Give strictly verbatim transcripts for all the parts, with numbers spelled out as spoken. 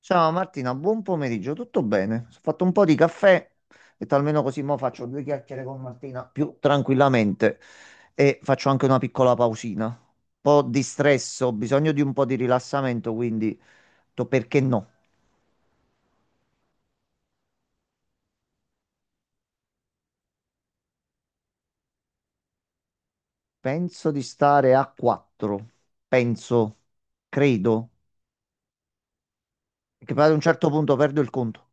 Ciao Martina, buon pomeriggio, tutto bene? Ho fatto un po' di caffè, e almeno così mo faccio due chiacchiere con Martina più tranquillamente e faccio anche una piccola pausina. Un po' di stress, ho bisogno di un po' di rilassamento, quindi ho detto, perché no? Penso di stare a quattro, penso, credo, che poi ad un certo punto perdo il conto.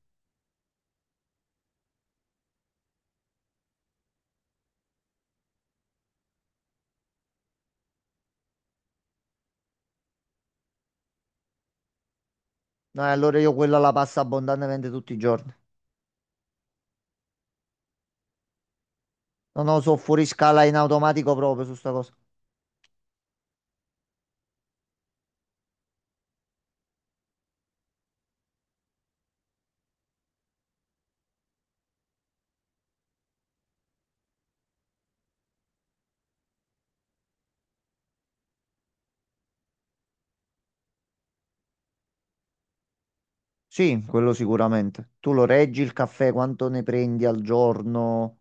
Eh, allora io quella la passo abbondantemente tutti i giorni. Non lo so, fuori scala in automatico proprio su sta cosa. Sì, quello sicuramente. Tu lo reggi il caffè, quanto ne prendi al giorno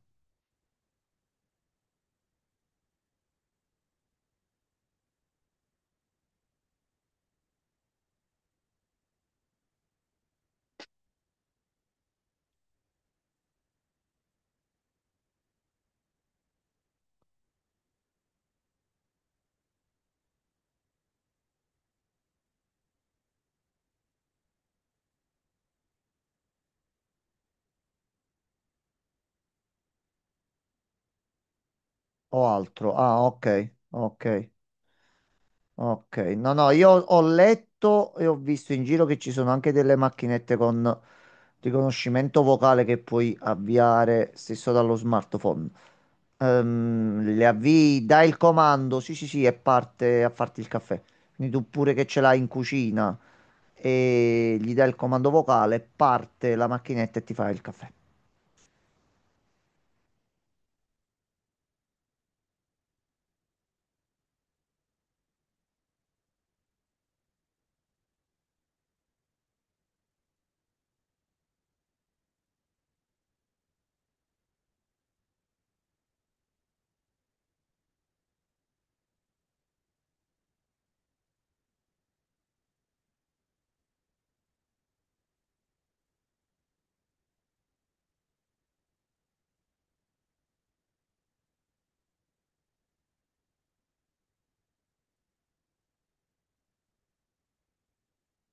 o altro? Ah, ok, ok, ok. No, no, io ho letto e ho visto in giro che ci sono anche delle macchinette con riconoscimento vocale che puoi avviare stesso dallo smartphone. Ehm, le avvii, dai il comando, sì, sì, sì, e parte a farti il caffè. Quindi tu pure che ce l'hai in cucina e gli dai il comando vocale, parte la macchinetta e ti fa il caffè.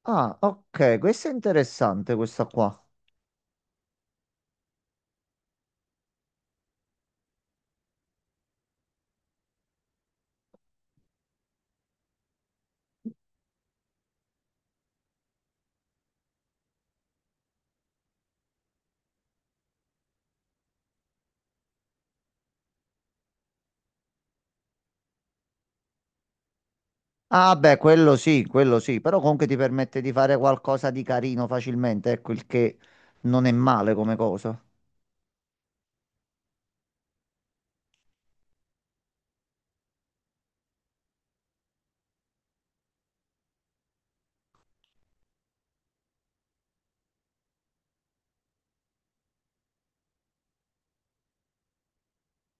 Ah, ok, questa è interessante questa qua. Ah, beh, quello sì, quello sì, però comunque ti permette di fare qualcosa di carino facilmente, ecco il che non è male come cosa.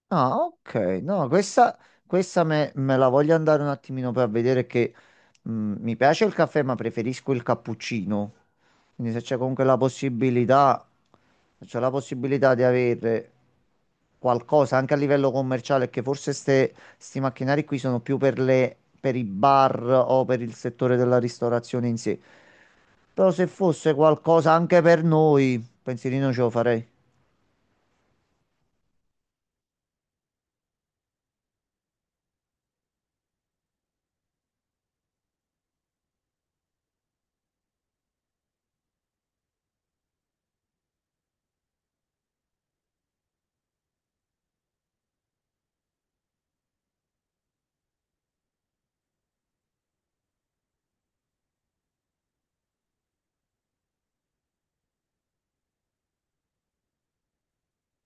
Ah, ok. No, questa, questa me, me la voglio andare un attimino per vedere che mm, mi piace il caffè, ma preferisco il cappuccino. Quindi se c'è comunque la possibilità, se c'è la possibilità di avere qualcosa anche a livello commerciale, che forse ste, sti macchinari qui sono più per le, per i bar o per il settore della ristorazione in sé. Però se fosse qualcosa anche per noi, pensierino ce lo farei.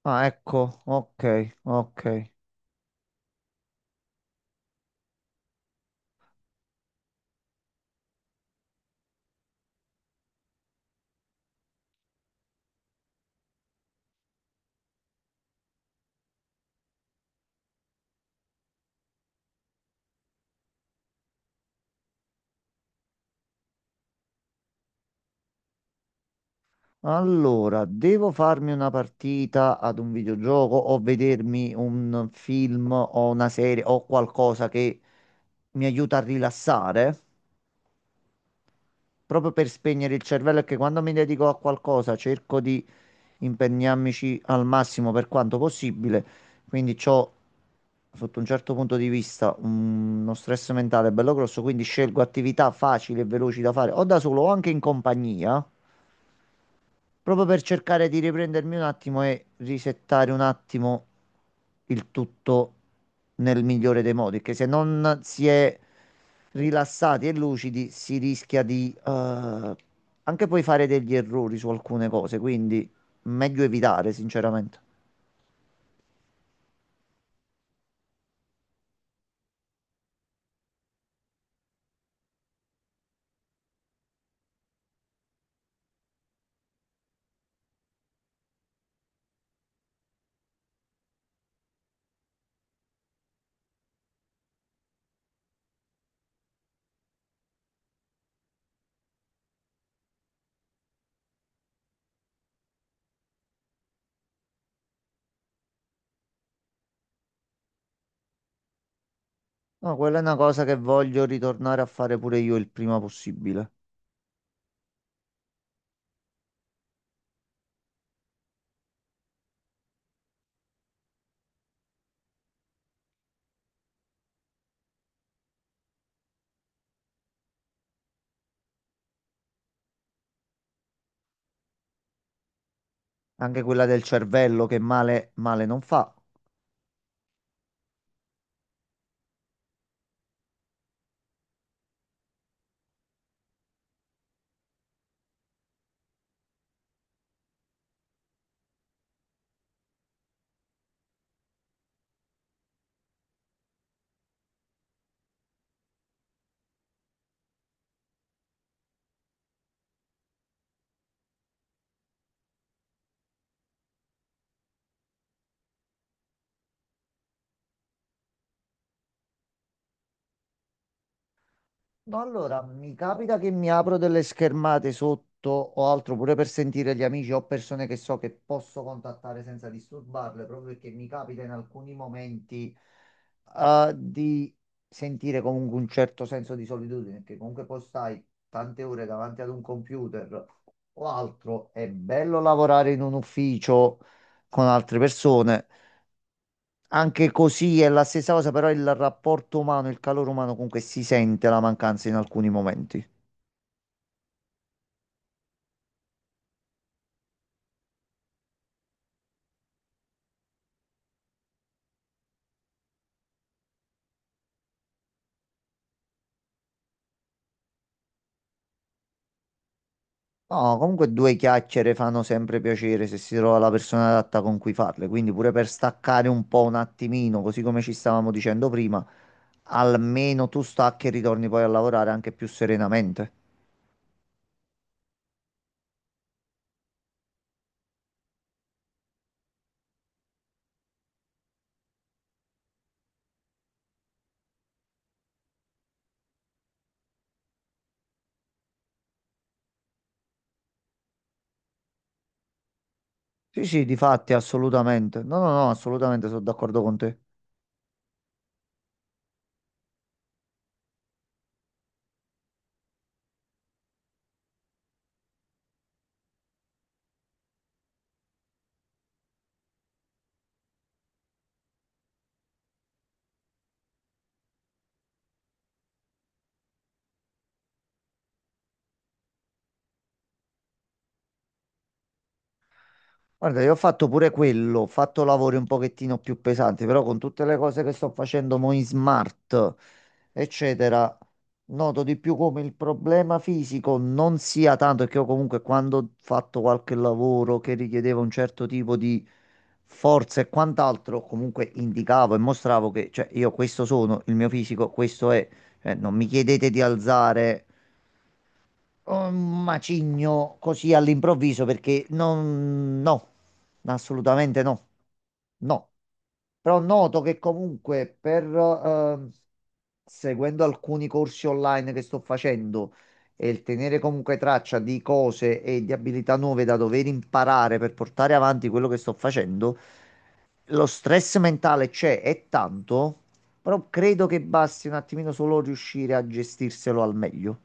Ah, ecco, ok, ok. Allora, devo farmi una partita ad un videogioco o vedermi un film o una serie o qualcosa che mi aiuta a rilassare, proprio per spegnere il cervello, che quando mi dedico a qualcosa cerco di impegnarmici al massimo per quanto possibile, quindi ho sotto un certo punto di vista un- uno stress mentale bello grosso, quindi scelgo attività facili e veloci da fare o da solo o anche in compagnia. Proprio per cercare di riprendermi un attimo e risettare un attimo il tutto nel migliore dei modi, che se non si è rilassati e lucidi si rischia di eh, anche poi fare degli errori su alcune cose, quindi meglio evitare, sinceramente. No, quella è una cosa che voglio ritornare a fare pure io il prima possibile. Anche quella del cervello che male, male non fa. No, allora, mi capita che mi apro delle schermate sotto o altro pure per sentire gli amici o persone che so che posso contattare senza disturbarle, proprio perché mi capita in alcuni momenti eh, di sentire comunque un certo senso di solitudine, perché comunque poi stai tante ore davanti ad un computer o altro. È bello lavorare in un ufficio con altre persone, anche così è la stessa cosa, però il rapporto umano, il calore umano comunque si sente la mancanza in alcuni momenti. No, comunque due chiacchiere fanno sempre piacere se si trova la persona adatta con cui farle, quindi pure per staccare un po' un attimino, così come ci stavamo dicendo prima, almeno tu stacchi e ritorni poi a lavorare anche più serenamente. Sì, sì, di fatti, assolutamente. No, no, no, assolutamente sono d'accordo con te. Guarda, io ho fatto pure quello, ho fatto lavori un pochettino più pesanti, però con tutte le cose che sto facendo mo in smart, eccetera, noto di più come il problema fisico non sia tanto, perché io comunque quando ho fatto qualche lavoro che richiedeva un certo tipo di forza e quant'altro, comunque indicavo e mostravo che, cioè, io questo sono, il mio fisico questo è. Cioè, non mi chiedete di alzare un macigno così all'improvviso, perché non, no, assolutamente no, no. Però noto che comunque per, eh, seguendo alcuni corsi online che sto facendo e il tenere comunque traccia di cose e di abilità nuove da dover imparare per portare avanti quello che sto facendo, lo stress mentale c'è, è tanto, però credo che basti un attimino solo riuscire a gestirselo al meglio.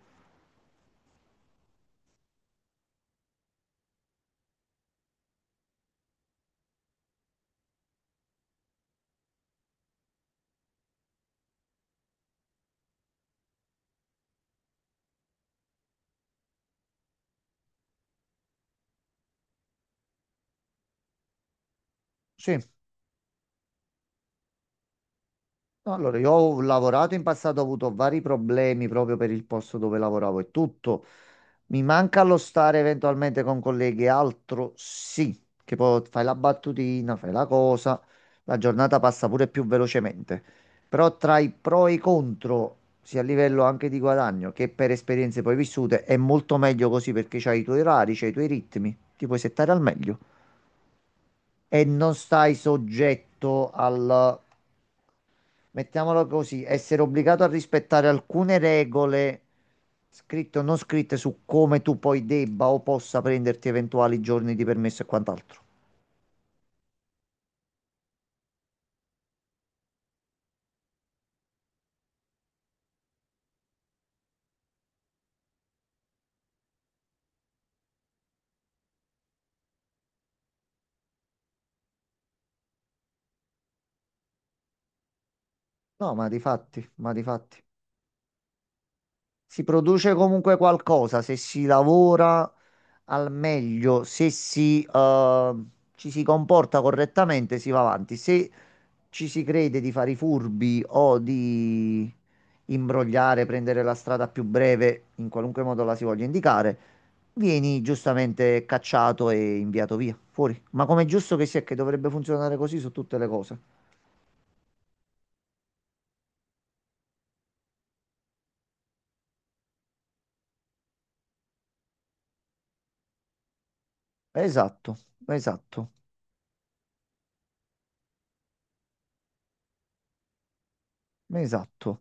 Sì. No, allora, io ho lavorato in passato, ho avuto vari problemi proprio per il posto dove lavoravo e tutto. Mi manca lo stare eventualmente con colleghi e altro, sì, che poi fai la battutina, fai la cosa, la giornata passa pure più velocemente. Però tra i pro e i contro, sia a livello anche di guadagno che per esperienze poi vissute, è molto meglio così, perché c'hai i tuoi orari, c'hai i tuoi ritmi, ti puoi settare al meglio e non stai soggetto al, mettiamolo così, essere obbligato a rispettare alcune regole scritte o non scritte su come tu poi debba o possa prenderti eventuali giorni di permesso e quant'altro. No, ma di fatti, ma di fatti. Si produce comunque qualcosa se si lavora al meglio, se si, eh, ci si comporta correttamente, si va avanti. Se ci si crede di fare i furbi o di imbrogliare, prendere la strada più breve, in qualunque modo la si voglia indicare, vieni giustamente cacciato e inviato via, fuori. Ma com'è giusto che sia, che dovrebbe funzionare così su tutte le cose. Esatto, esatto, esatto.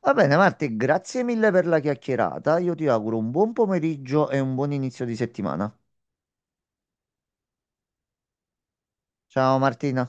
Va bene, Marti, grazie mille per la chiacchierata. Io ti auguro un buon pomeriggio e un buon inizio di settimana. Ciao Martina.